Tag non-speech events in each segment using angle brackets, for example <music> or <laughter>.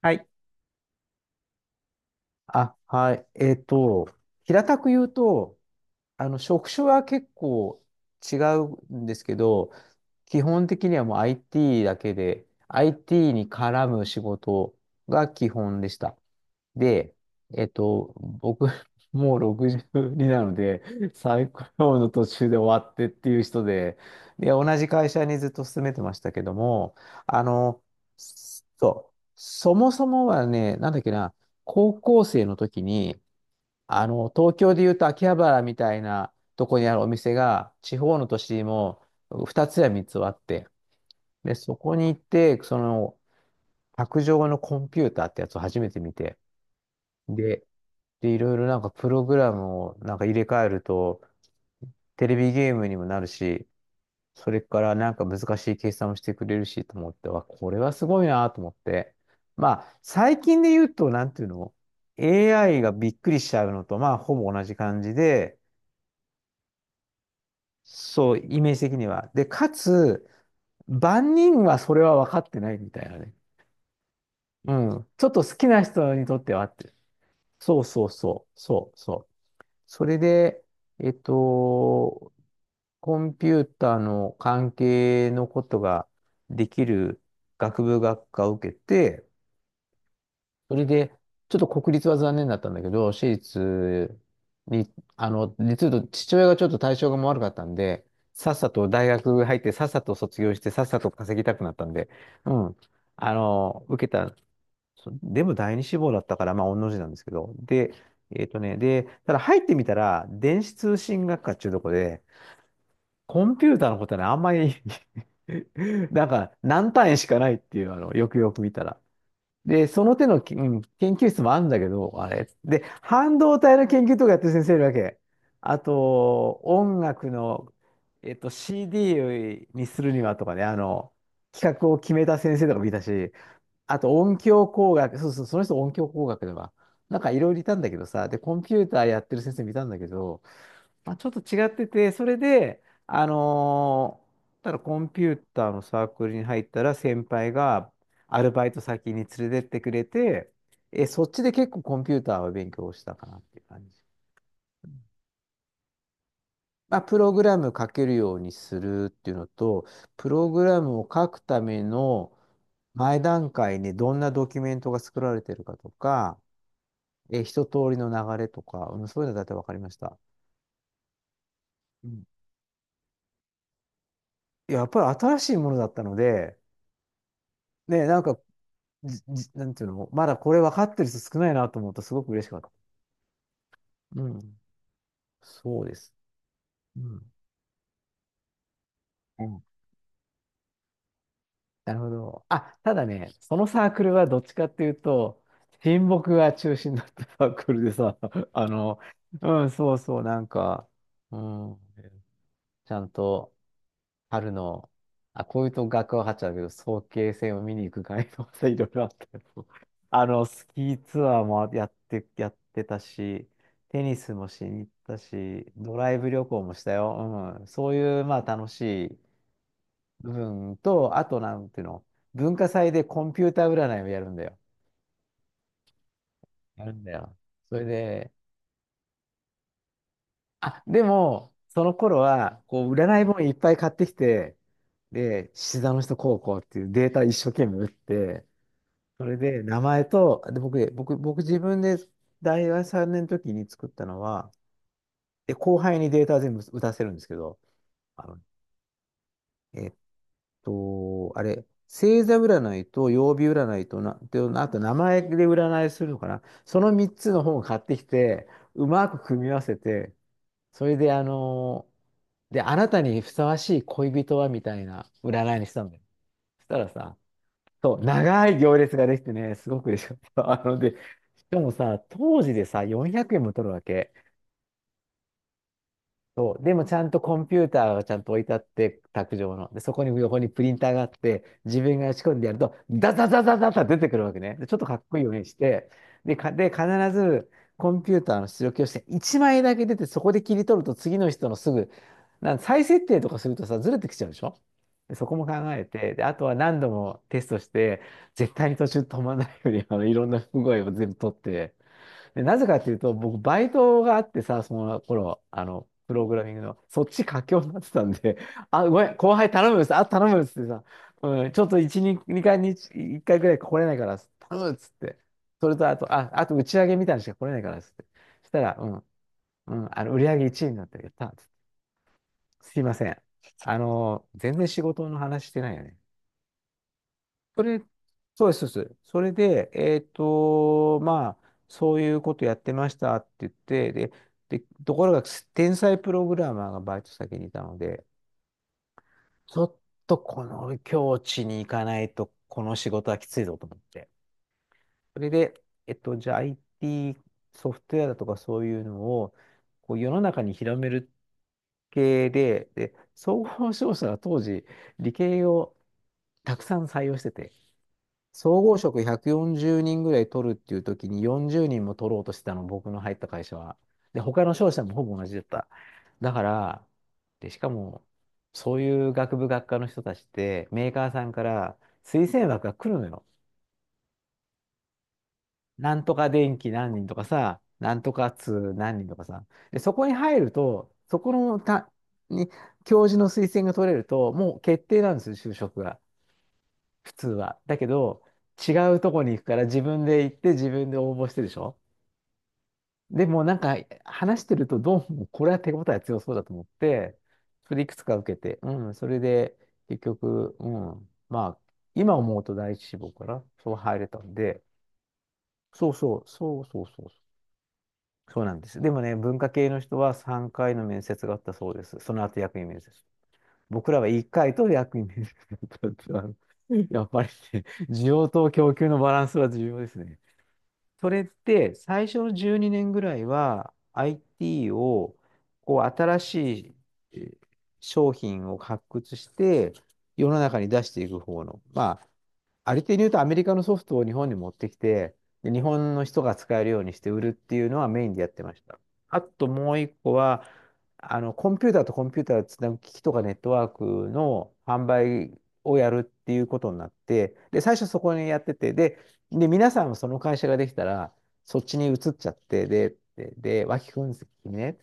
はい。あ、はい。平たく言うと、職種は結構違うんですけど、基本的にはもう IT だけで、IT に絡む仕事が基本でした。で、僕、<laughs> もう6になので、再雇用の途中で終わってっていう人で、で、同じ会社にずっと勤めてましたけども、あの、そう、そもそもはね、なんだっけな、高校生の時に、東京でいうと秋葉原みたいなとこにあるお店が、地方の都市にも2つや3つはあって、で、そこに行って、卓上のコンピューターってやつを初めて見て、で、で、いろいろなんかプログラムをなんか入れ替えると、テレビゲームにもなるし、それからなんか難しい計算をしてくれるしと思って、わ、これはすごいなと思って。まあ、最近で言うと、なんていうの ?AI がびっくりしちゃうのと、まあ、ほぼ同じ感じで、そう、イメージ的には。で、かつ、万人はそれは分かってないみたいなね。うん。ちょっと好きな人にとってはって。そうそうそう、そうそう。それで、えっと、コンピューターの関係のことができる学部学科を受けて、それで、ちょっと国立は残念だったんだけど、私立に、実は父親がちょっと体調が悪かったんで、さっさと大学入って、さっさと卒業して、さっさと稼ぎたくなったんで、うん、受けたそう、でも第二志望だったから、まあ、御の字なんですけど。で、で、ただ入ってみたら、電子通信学科っていうとこで、コンピューターのことはね、あんまり <laughs> なんか、何単位しかないっていう、よくよく見たら。で、その手のき、うん、研究室もあるんだけど、あれ。で、半導体の研究とかやってる先生いるわけ。あと、音楽の、CD にするにはとかね、企画を決めた先生とかもいたし、あと音響工学、そうそう、その人音響工学では。なんかいろいろいたんだけどさ、で、コンピューターやってる先生見たんだけど、まあ、ちょっと違ってて、それで、ただコンピューターのサークルに入ったら先輩がアルバイト先に連れてってくれて、そっちで結構コンピューターは勉強したかなっていう感じ。まあ、プログラム書けるようにするっていうのと、プログラムを書くための前段階にどんなドキュメントが作られてるかとか、一通りの流れとか、うん、そういうのだいたい分かりました。うん、やっぱり新しいものだったので、ね、なんか、なんていうの、まだこれ分かってる人少ないなと思うとすごく嬉しかった。うん、そうです。うん。うん、なるほど。あ、ただね、そのサークルはどっちかっていうと、親睦が中心だったサークルでさ、<laughs> あの、うん、そうそう、なんか、うん、ちゃんと春の、あ、こういうと学ははっちゃうけど、早慶戦を見に行く会とさ、いろいろあったよ。<laughs> スキーツアーもやって、やってたし、テニスもしに行ったし、ドライブ旅行もしたよ。うん、そういう、まあ、楽しい部分と、あとなんていうの、文化祭でコンピューター占いをやるんだよ。やるんだよ。それで、あ、でも、その頃は、こう、占い本いっぱい買ってきて、で、獅子座の人こうこうっていうデータ一生懸命打って、それで名前と、で、僕自分で大学3年の時に作ったのは、で、後輩にデータ全部打たせるんですけど、あの、えっあれ、星座占いと曜日占いとな、で、あと名前で占いするのかな。その3つの本を買ってきて、うまく組み合わせて、それで、あなたにふさわしい恋人はみたいな占いにしたんだよ。そしたらさ、そう、長い行列ができてね、すごく嬉しかった。<laughs> あので、しかもさ、当時でさ、400円も取るわけ。そう。でもちゃんとコンピューターがちゃんと置いてあって、卓上の。で、そこに横にプリンターがあって、自分が仕込んでやると、ダザダザダザ出てくるわけね。で、ちょっとかっこいいようにして、で、必ずコンピューターの出力をして、1枚だけ出て、そこで切り取ると次の人のすぐ、再設定とかするとさ、ずれてきちゃうでしょ。で、そこも考えて、で、あとは何度もテストして、絶対に途中止まらないように、いろんな不具合を全部取って、でなぜかっていうと、僕、バイトがあってさ、その頃、プログラミングの、そっち佳境になってたんで、あ、ごめん、後輩頼むです、あ、頼むですってさ、うん、ちょっと1、2回に1回ぐらい来れないから頼むっつって、それとあと、あ、あと打ち上げみたいなのしか来れないからっつって、そしたら、うん、うん、売り上げ1位になってやったっつって、すいません。全然仕事の話してないよね。それ、そうです、そうです。それで、まあ、そういうことやってましたって言って、で、で、ところが、天才プログラマーがバイト先にいたので、ちょっとこの境地に行かないと、この仕事はきついぞと思って。それで、じゃあ IT ソフトウェアだとかそういうのを、こう世の中に広める系で、で、総合商社が当時、理系をたくさん採用してて、総合職140人ぐらい取るっていう時に40人も取ろうとしてたの、僕の入った会社は。で、他の商社もほぼ同じだった。だから、で、しかも、そういう学部学科の人たちって、メーカーさんから推薦枠が来るのよ。なんとか電気何人とかさ、なんとか通何人とかさ。で、そこに入ると、そこのた、に、教授の推薦が取れると、もう決定なんですよ、就職が。普通は。だけど、違うとこに行くから自分で行って自分で応募してでしょ。でもなんか話してるとどうもこれは手応え強そうだと思って、それいくつか受けて、うん、それで結局、うん、まあ、今思うと第一志望かな、そう入れたんで、そうそう、そうそうそう、そうなんです。でもね、文化系の人は3回の面接があったそうです。その後役員面接。僕らは1回と役に立ったっていうあの、やっぱりね、需要と供給のバランスは重要ですね。それって最初の12年ぐらいは IT をこう新しいえー商品を発掘して世の中に出していく方の、まあありていに言うとアメリカのソフトを日本に持ってきて、で日本の人が使えるようにして売るっていうのはメインでやってました。あともう一個は、コンピューターとコンピューターをつなぐ機器とかネットワークの販売をやるっていうことになって、で、最初そこにやってて、で、で、皆さんもその会社ができたら、そっちに移っちゃって、で、脇君にね、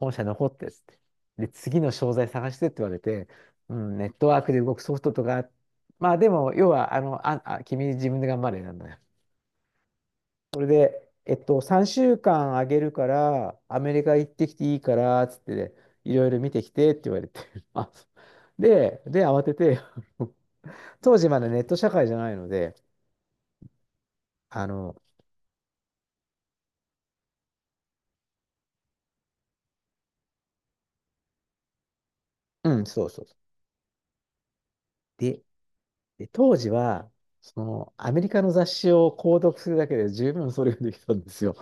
本社残ってっつって。で、次の商材探してって言われて、うん、ネットワークで動くソフトとか、まあでも、要は、あの、君自分で頑張れなんだよ。それで、3週間あげるから、アメリカ行ってきていいから、つってね、いろいろ見てきてって言われて、<laughs> あ、そうで、で、慌てて、<laughs> 当時まだネット社会じゃないので、あの、うん、そうそうそう。で、で当時は、その、アメリカの雑誌を購読するだけで十分それができたんですよ。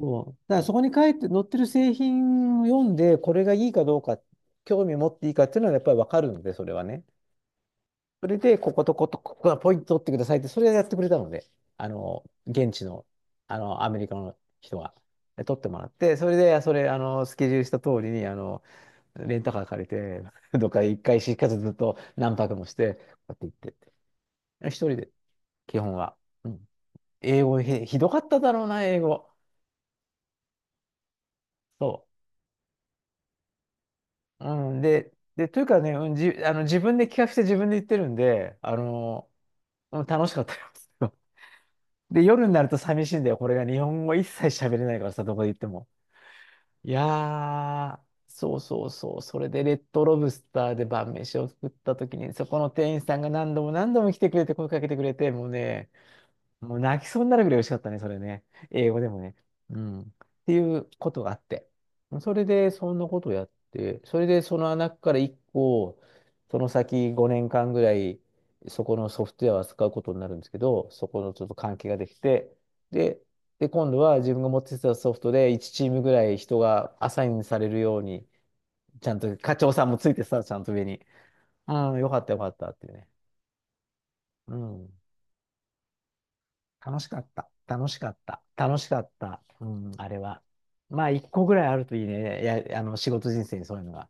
そう。だからそこに書いて載ってる製品を読んで、これがいいかどうか、興味を持っていいかっていうのはやっぱりわかるので、それはね。それで、ここと、ここがポイント取ってくださいって、それをやってくれたので、あの、現地の、あの、アメリカの人が。で取ってもらって、それで、それ、あの、スケジュールした通りに、あの、レンタカー借りて、<laughs> どっか一回しかずずっと何泊もして、こうやって行ってって。一人で、基本は。うん。英語、ひどかっただろうな、英語。そう。うん、というかね、うん、あの、自分で企画して自分で言ってるんで、あの、うん、楽しかったよ。<laughs> で、夜になると寂しいんだよ。これが日本語一切喋れないからさ、どこで言っても。いやー、そうそうそう。それでレッドロブスターで晩飯を作った時に、そこの店員さんが何度も何度も来てくれて、声かけてくれて、もうね、もう泣きそうになるぐらい美味しかったね、それね。英語でもね。うん。っていうことがあって。それで、そんなことをやって、それで、その中から1個、その先5年間ぐらい、そこのソフトウェアを扱うことになるんですけど、そこのちょっと関係ができて、で、で、今度は自分が持ってたソフトで1チームぐらい人がアサインされるように、ちゃんと課長さんもついてさ、ちゃんと上に。うん、よかったよかったってね。うん。楽しかった。楽しかった。楽しかった。うん、あれは。まあ、一個ぐらいあるといいね。いや、あの、仕事人生にそういうのが。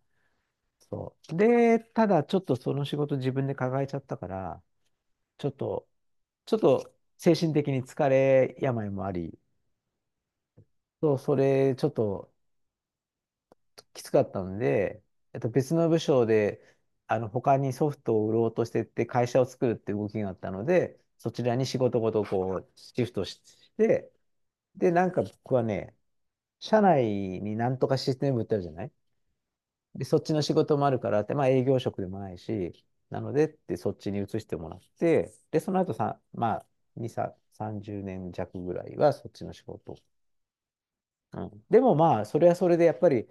そう。で、ただ、ちょっとその仕事自分で抱えちゃったから、ちょっと、ちょっと精神的に疲れ、病もあり、そう、それ、ちょっときつかったので、別の部署で、あの、他にソフトを売ろうとしてって会社を作るって動きがあったので、そちらに仕事ごとこう、シフトして、で、なんか僕はね、社内になんとかシステム売ってあるじゃない。で、そっちの仕事もあるからって、まあ営業職でもないし、なのでってそっちに移してもらって、で、その後さ、まあ、2、さ30年弱ぐらいはそっちの仕事。うん、でもまあ、それはそれでやっぱり、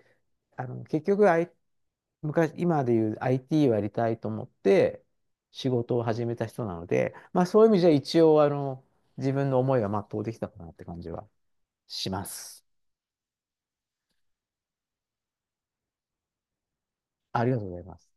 あの、結局、昔、今で言う IT をやりたいと思って仕事を始めた人なので、まあそういう意味じゃ一応、あの、自分の思いが全うできたかなって感じはします。ありがとうございます。